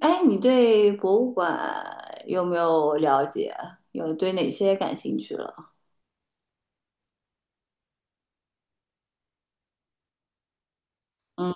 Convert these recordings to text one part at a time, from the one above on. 哎，你对博物馆有没有了解？有对哪些感兴趣了？嗯。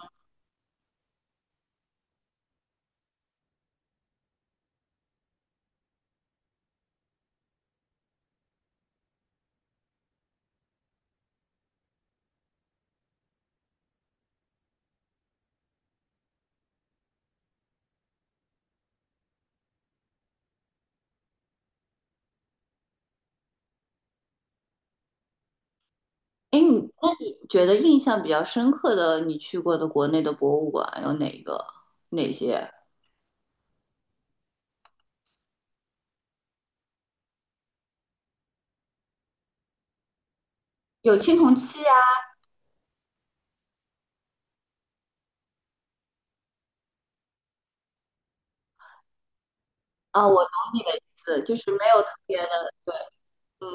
哎，你那你觉得印象比较深刻的，你去过的国内的博物馆有哪个？哪些？有青铜器啊？啊，我懂你的意思，就是没有特别的。对。嗯。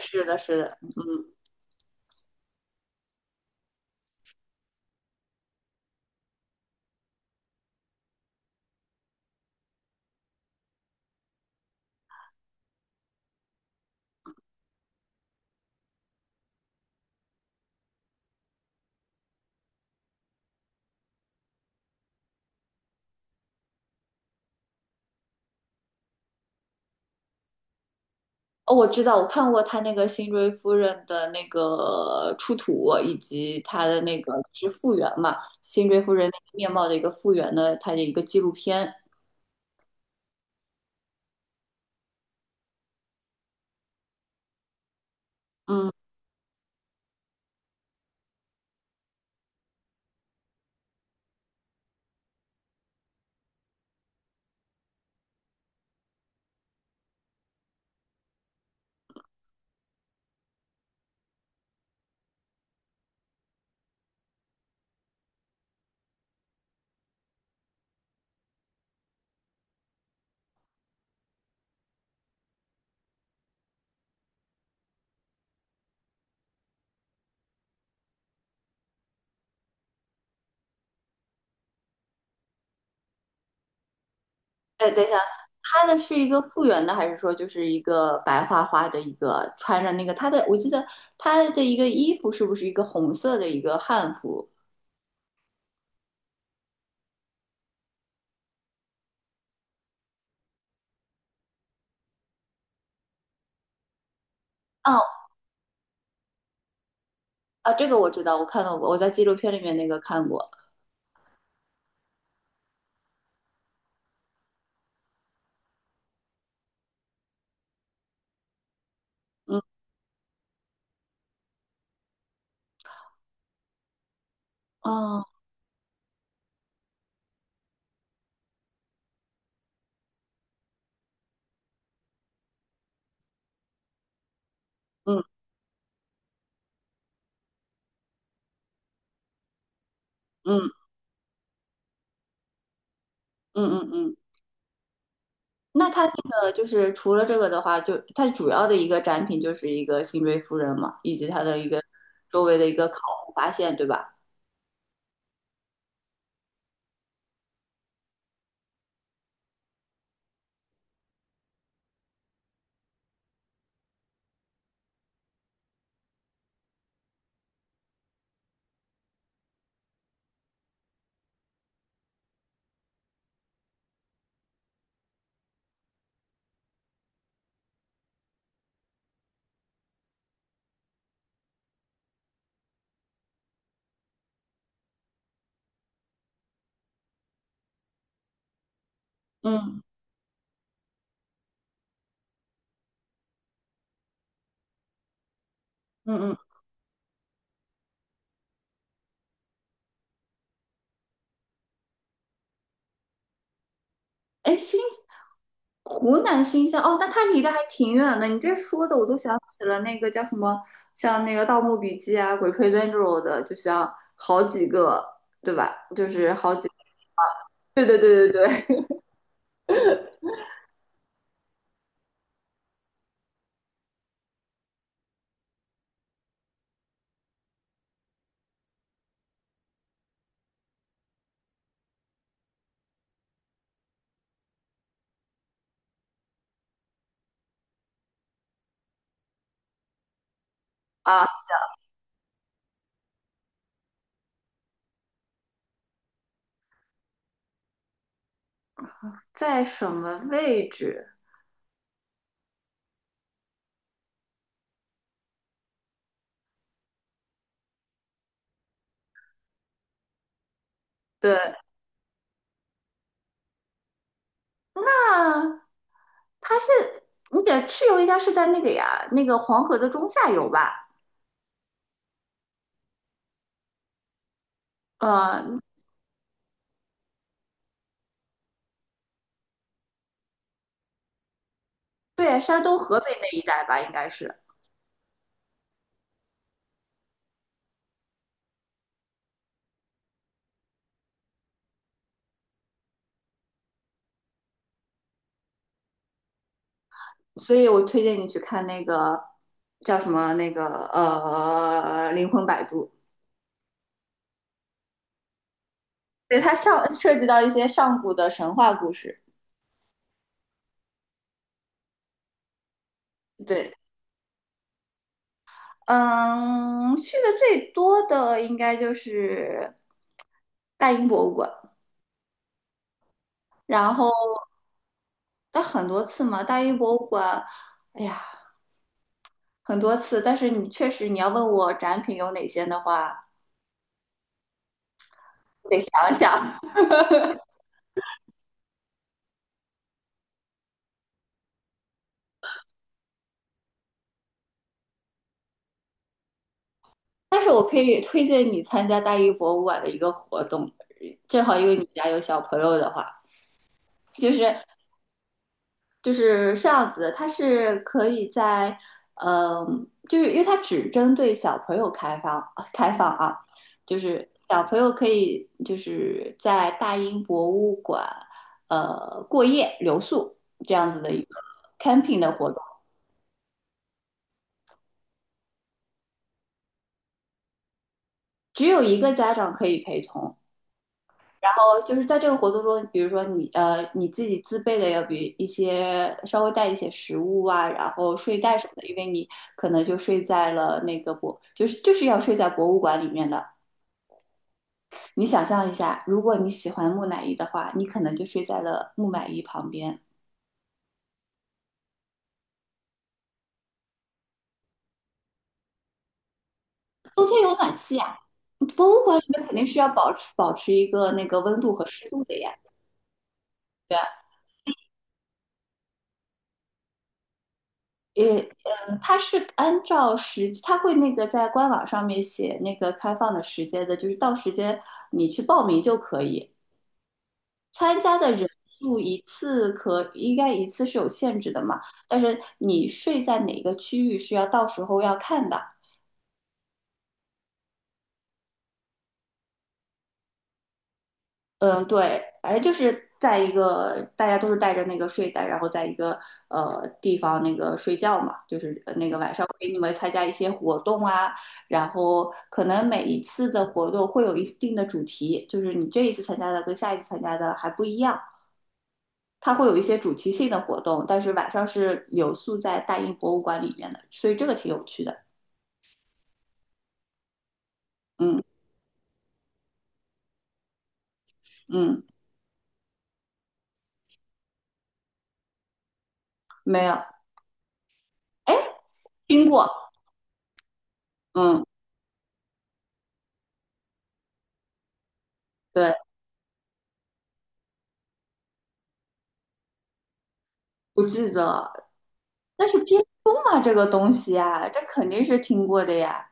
是的，是的，嗯。哦，我知道，我看过他那个辛追夫人的那个出土，以及他的那个是复原嘛，辛追夫人那个面貌的一个复原的，他的一个纪录片。嗯。哎，等一下，他的是一个复原的，还是说就是一个白花花的一个穿着那个他的？我记得他的一个衣服是不是一个红色的一个汉服？哦，啊，这个我知道，我看到过，我在纪录片里面那个看过。嗯。哦。嗯嗯嗯嗯嗯。那他那个就是除了这个的话，就他主要的一个展品就是一个辛追夫人嘛，以及他的一个周围的一个考古发现，对吧？嗯嗯嗯。哎，辛湖南新疆哦，那它离得还挺远的。你这说的我都想起了那个叫什么，像那个《盗墓笔记》啊，《鬼吹灯》这种的，就像好几个，对吧？就是好几个，对对对对对。 啊，在什么位置？对，那它是你的蚩尤应该是在那个呀，那个黄河的中下游吧？嗯，对，山东、河北那一带吧，应该是。所以我推荐你去看那个叫什么那个《灵魂摆渡》，对，它上涉及到一些上古的神话故事。对，嗯，去的最多的应该就是大英博物馆，然后但很多次嘛，大英博物馆，哎呀，很多次。但是你确实你要问我展品有哪些的话，得想想。但是我可以推荐你参加大英博物馆的一个活动，正好因为你家有小朋友的话，就是就是这样子，它是可以在，就是因为它只针对小朋友开放啊，就是小朋友可以就是在大英博物馆过夜留宿这样子的一个 camping 的活动，只有一个家长可以陪同，哦，就是在这个活动中，比如说你你自己自备的要比一些稍微带一些食物啊，然后睡袋什么的，因为你可能就睡在了那个博，就是要睡在博物馆里面的。你想象一下，如果你喜欢木乃伊的话，你可能就睡在了木乃伊旁边。冬天有暖气呀，博物馆里面肯定是要保持一个那个温度和湿度的呀。对。也，它是按照时，它会那个在官网上面写那个开放的时间的，就是到时间你去报名就可以。参加的人数一次可应该一次是有限制的嘛，但是你睡在哪个区域是要到时候要看的。嗯，对，反正就是在一个大家都是带着那个睡袋，然后在一个地方那个睡觉嘛，就是那个晚上给你们参加一些活动啊，然后可能每一次的活动会有一定的主题，就是你这一次参加的跟下一次参加的还不一样，它会有一些主题性的活动，但是晚上是留宿在大英博物馆里面的，所以这个挺有趣的。嗯嗯。没有。哎，听过。嗯。对。不记得了。但是编钟啊，这个东西啊，这肯定是听过的呀。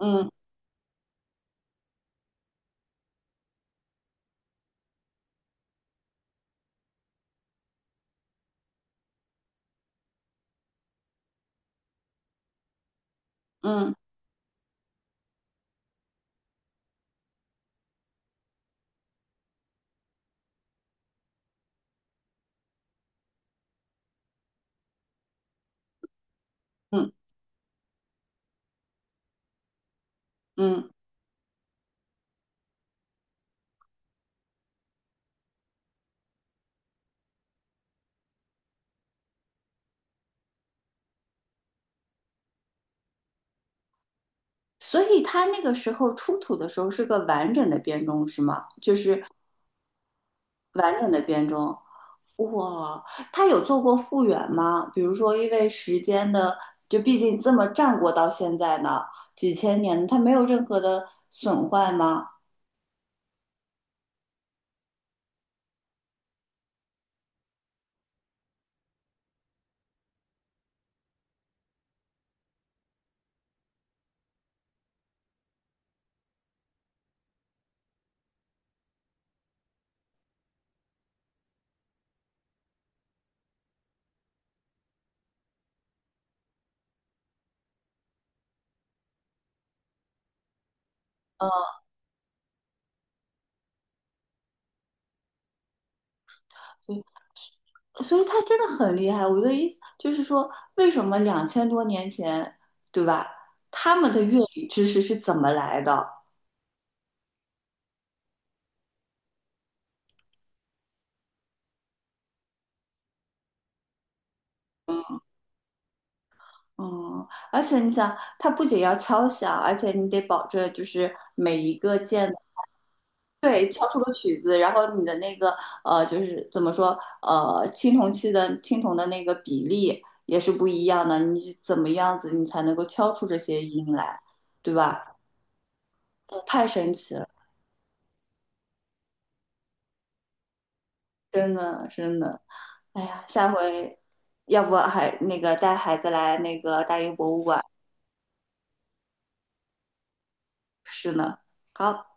嗯嗯嗯嗯。所以它那个时候出土的时候是个完整的编钟是吗？就是完整的编钟。哇，它有做过复原吗？比如说，因为时间的，就毕竟这么战国到现在呢，几千年，它没有任何的损坏吗？嗯。所以他真的很厉害。我的意思就是说，为什么两千多年前，对吧？他们的乐理知识是怎么来的？嗯，而且你想，它不仅要敲响，而且你得保证就是每一个键，对，敲出个曲子，然后你的那个，就是怎么说，青铜器的青铜的那个比例也是不一样的，你是怎么样子你才能够敲出这些音来，对吧？太神奇了，真的真的。哎呀，下回要不还那个带孩子来那个大英博物馆是呢。好。